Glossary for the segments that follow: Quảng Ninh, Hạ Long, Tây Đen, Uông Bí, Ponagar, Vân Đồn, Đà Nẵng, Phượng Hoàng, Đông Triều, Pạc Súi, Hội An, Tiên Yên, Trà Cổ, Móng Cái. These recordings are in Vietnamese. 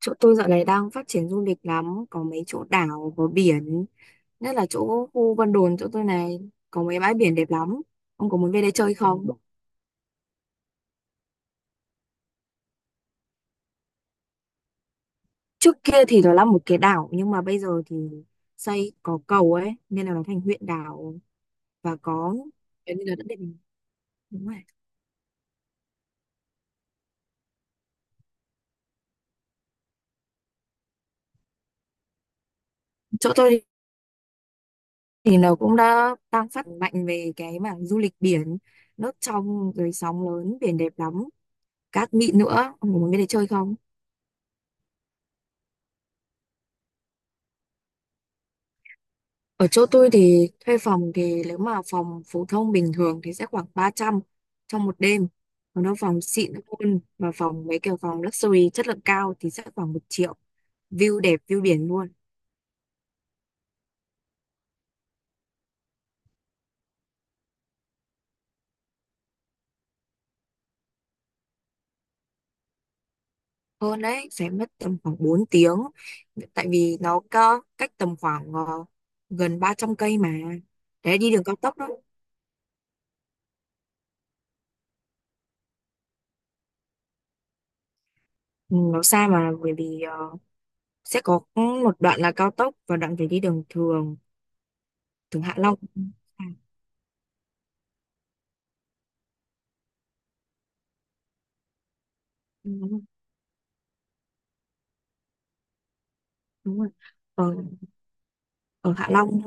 Chỗ tôi dạo này đang phát triển du lịch lắm, có mấy chỗ đảo có biển, nhất là chỗ khu Vân Đồn. Chỗ tôi này có mấy bãi biển đẹp lắm. Ông có muốn về đây chơi không? Trước kia thì nó là một cái đảo nhưng mà bây giờ thì xây có cầu ấy nên là nó thành huyện đảo. Và có kiểu như là đã định. Đúng rồi. Chỗ tôi thì nó cũng đã đang phát mạnh về cái mảng du lịch biển, nước trong rồi, sóng lớn, biển đẹp lắm, cát mịn nữa. Ông có muốn về đây chơi không? Ở chỗ tôi thì thuê phòng thì nếu mà phòng phổ thông bình thường thì sẽ khoảng 300 trong một đêm. Còn nếu phòng xịn hơn và phòng mấy kiểu phòng luxury chất lượng cao thì sẽ khoảng 1 triệu. View đẹp, view biển luôn. Hơn đấy, sẽ mất tầm khoảng 4 tiếng. Tại vì nó có cách tầm khoảng gần 300 cây mà. Đấy, đi đường cao tốc đó. Ừ, nó xa mà bởi vì sẽ có một đoạn là cao tốc và đoạn phải đi đường thường, đường Hạ Long. À, đúng rồi. Đúng rồi. Ờ, ở Hạ Long.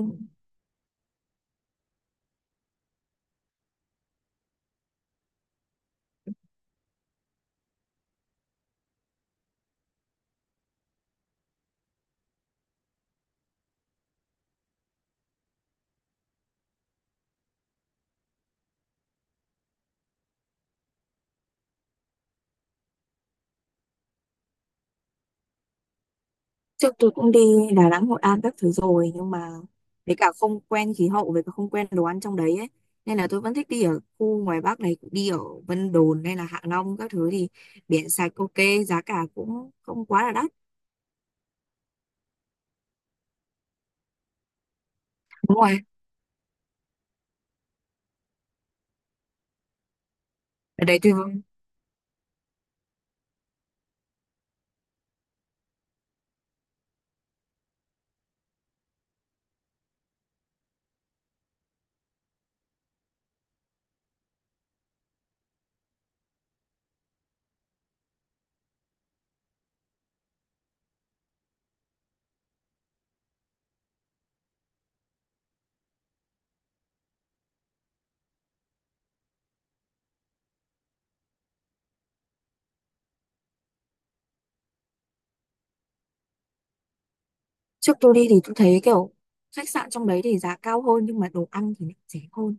Trước tôi cũng đi Đà Nẵng, Hội An các thứ rồi nhưng mà với cả không quen khí hậu, với cả không quen đồ ăn trong đấy ấy. Nên là tôi vẫn thích đi ở khu ngoài Bắc này, đi ở Vân Đồn hay là Hạ Long các thứ thì biển sạch, ok, giá cả cũng không quá là đắt. Đúng rồi, ở đấy tôi trước tôi đi thì tôi thấy kiểu khách sạn trong đấy thì giá cao hơn nhưng mà đồ ăn thì lại rẻ hơn.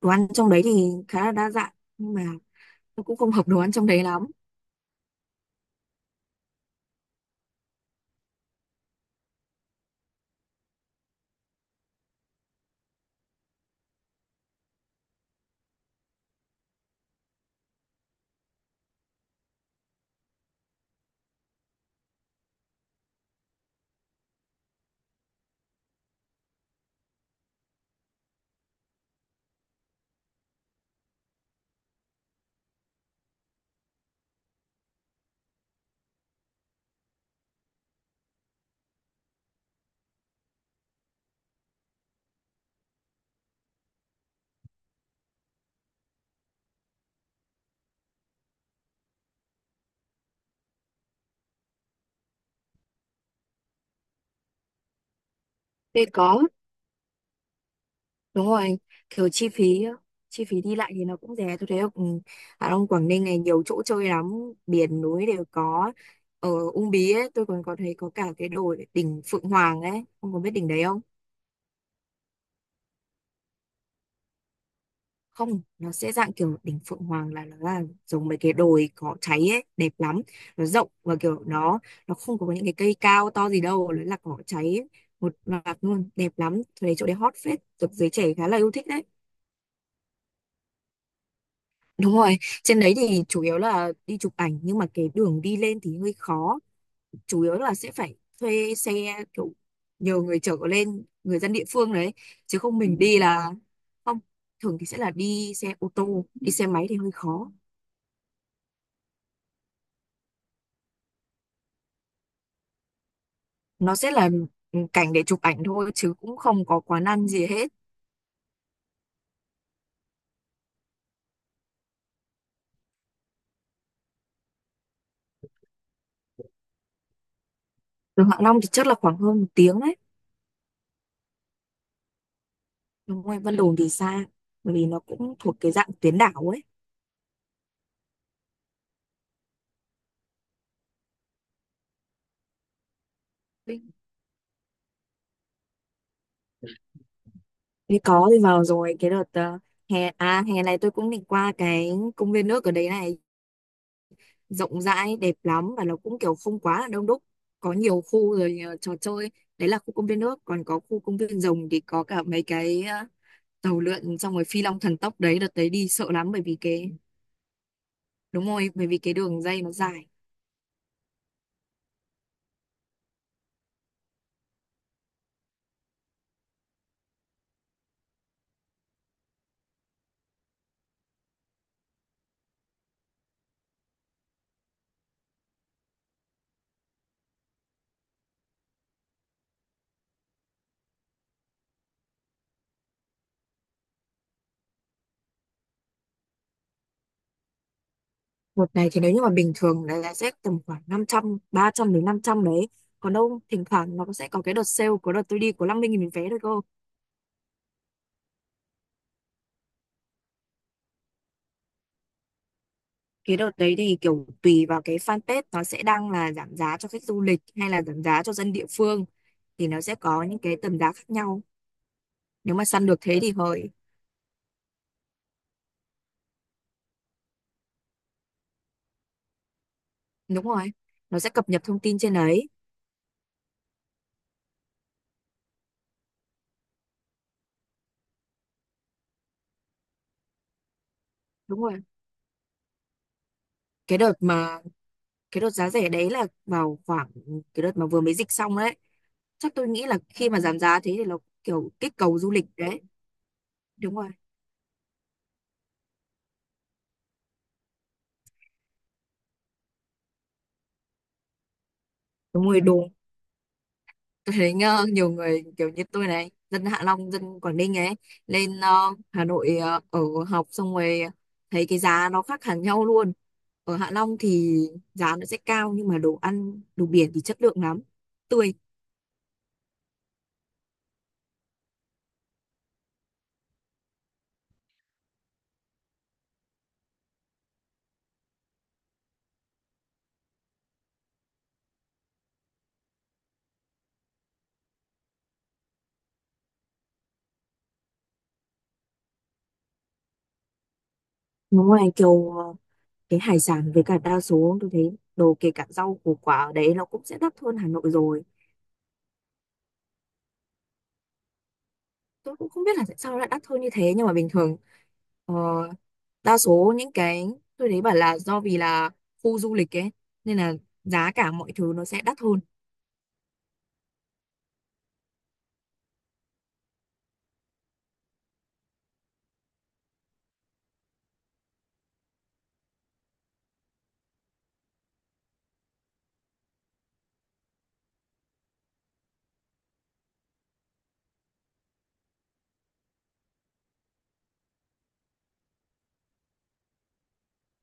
Đồ ăn trong đấy thì khá là đa dạng nhưng mà tôi cũng không hợp đồ ăn trong đấy lắm. Thế có. Đúng rồi anh, kiểu chi phí đi lại thì nó cũng rẻ. Tôi thấy ở trong Quảng Ninh này nhiều chỗ chơi lắm, biển núi đều có. Ở Uông Bí ấy tôi còn có thấy có cả cái đồi đỉnh Phượng Hoàng ấy. Ông có biết đỉnh đấy không? Không, nó sẽ dạng kiểu đỉnh Phượng Hoàng là nó là giống mấy cái đồi có cháy ấy, đẹp lắm. Nó rộng và kiểu nó không có những cái cây cao to gì đâu, nó là cỏ cháy ấy. Một loạt luôn, đẹp lắm. Tôi thấy chỗ đấy hot phết, được giới trẻ khá là yêu thích đấy. Đúng rồi, trên đấy thì chủ yếu là đi chụp ảnh nhưng mà cái đường đi lên thì hơi khó. Chủ yếu là sẽ phải thuê xe, kiểu nhờ người chở lên, người dân địa phương đấy, chứ không. Ừ. Mình đi là không, thường thì sẽ là đi xe ô tô, đi xe máy thì hơi khó. Nó sẽ là cảnh để chụp ảnh thôi chứ cũng không có quán ăn gì hết. Từ Hạ Long thì chắc là khoảng hơn một tiếng đấy. Đúng rồi, Vân Đồn thì xa, bởi vì nó cũng thuộc cái dạng tuyến đảo ấy. Thì có thì vào rồi. Cái đợt hè à hè này tôi cũng định qua cái công viên nước ở đấy này, rộng rãi đẹp lắm và nó cũng kiểu không quá là đông đúc, có nhiều khu rồi trò chơi. Đấy là khu công viên nước, còn có khu công viên rồng thì có cả mấy cái tàu lượn, xong rồi phi long thần tốc. Đấy, đợt đấy đi sợ lắm bởi vì cái. Đúng rồi, bởi vì cái đường dây nó dài. Đợt này thì nếu như mà bình thường là sẽ tầm khoảng 500, 300 đến 500 đấy. Còn đâu thỉnh thoảng nó sẽ có cái đợt sale, của đợt tôi đi có 50.000 vé thôi cơ. Cái đợt đấy thì kiểu tùy vào cái fanpage, nó sẽ đăng là giảm giá cho khách du lịch hay là giảm giá cho dân địa phương, thì nó sẽ có những cái tầm giá khác nhau. Nếu mà săn được thế thì hời. Đúng rồi, nó sẽ cập nhật thông tin trên đấy. Đúng rồi, cái đợt mà cái đợt giá rẻ đấy là vào khoảng cái đợt mà vừa mới dịch xong đấy. Chắc tôi nghĩ là khi mà giảm giá thế thì nó kiểu kích cầu du lịch đấy. Đúng rồi. Đúng rồi. Tôi thấy nhiều người kiểu như tôi này, dân Hạ Long, dân Quảng Ninh ấy, lên Hà Nội ở học xong rồi thấy cái giá nó khác hẳn nhau luôn. Ở Hạ Long thì giá nó sẽ cao nhưng mà đồ ăn, đồ biển thì chất lượng lắm, tươi. Nó ngoài kiểu cái hải sản với cả đa số tôi thấy đồ kể cả rau củ quả ở đấy nó cũng sẽ đắt hơn Hà Nội rồi. Tôi cũng không biết là tại sao nó lại đắt hơn như thế nhưng mà bình thường ờ, đa số những cái tôi thấy bảo là do vì là khu du lịch ấy nên là giá cả mọi thứ nó sẽ đắt hơn.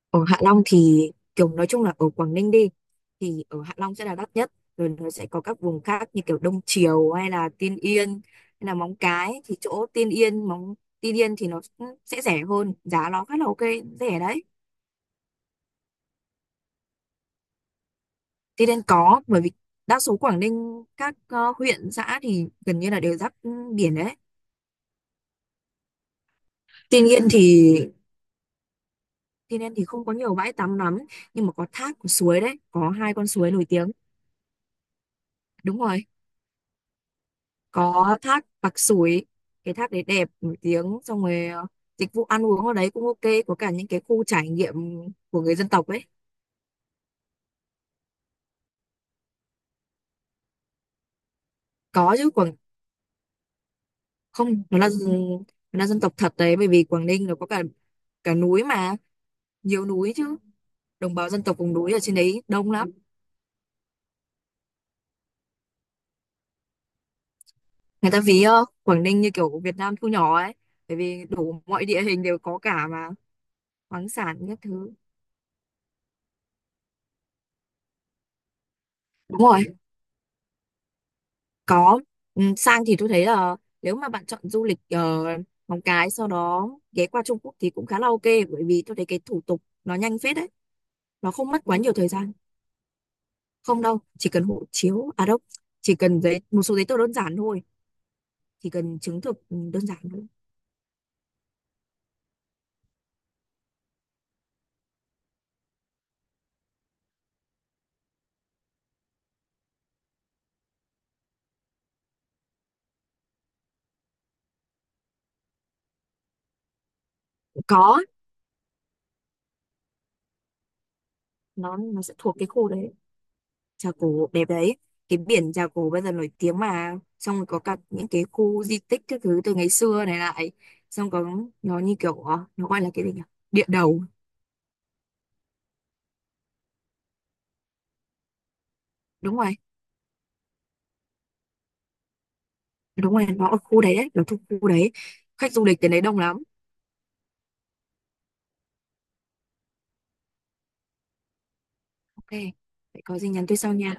Ở Hạ Long thì kiểu nói chung là ở Quảng Ninh đi thì ở Hạ Long sẽ là đắt nhất rồi. Nó sẽ có các vùng khác như kiểu Đông Triều hay là Tiên Yên hay là Móng Cái thì chỗ Tiên Yên Tiên Yên thì nó cũng sẽ rẻ hơn, giá nó khá là ok, rẻ đấy. Tây Đen có, bởi vì đa số Quảng Ninh các huyện xã thì gần như là đều giáp biển đấy. Tuy nhiên thì Tây Đen thì không có nhiều bãi tắm lắm nhưng mà có thác có suối đấy, có hai con suối nổi tiếng. Đúng rồi, có thác Pạc Súi, cái thác đấy đẹp nổi tiếng. Xong rồi dịch vụ ăn uống ở đấy cũng ok, có cả những cái khu trải nghiệm của người dân tộc ấy. Có chứ. Không, nó là dân tộc thật đấy bởi vì Quảng Ninh nó có cả cả núi mà, nhiều núi chứ. Đồng bào dân tộc vùng núi ở trên đấy đông lắm. Người ta ví Quảng Ninh như kiểu Việt Nam thu nhỏ ấy bởi vì đủ mọi địa hình đều có cả mà. Khoáng sản các thứ. Đúng rồi, có. Sang thì tôi thấy là nếu mà bạn chọn du lịch ở Móng Cái sau đó ghé qua Trung Quốc thì cũng khá là ok, bởi vì tôi thấy cái thủ tục nó nhanh phết đấy. Nó không mất quá nhiều thời gian. Không đâu, chỉ cần hộ chiếu. À đâu, chỉ cần một số giấy tờ đơn giản thôi. Chỉ cần chứng thực đơn giản thôi. Có, nó sẽ thuộc cái khu đấy. Trà Cổ đẹp đấy. Cái biển Trà Cổ bây giờ nổi tiếng mà, xong rồi có cả những cái khu di tích các thứ từ ngày xưa này lại. Xong có nó như kiểu nó gọi là cái gì nhỉ, địa đầu. Đúng rồi. Đúng rồi, nó ở khu đấy đấy, nó thuộc khu đấy. Khách du lịch đến đấy đông lắm. Ok, vậy có gì nhắn tôi sau nha.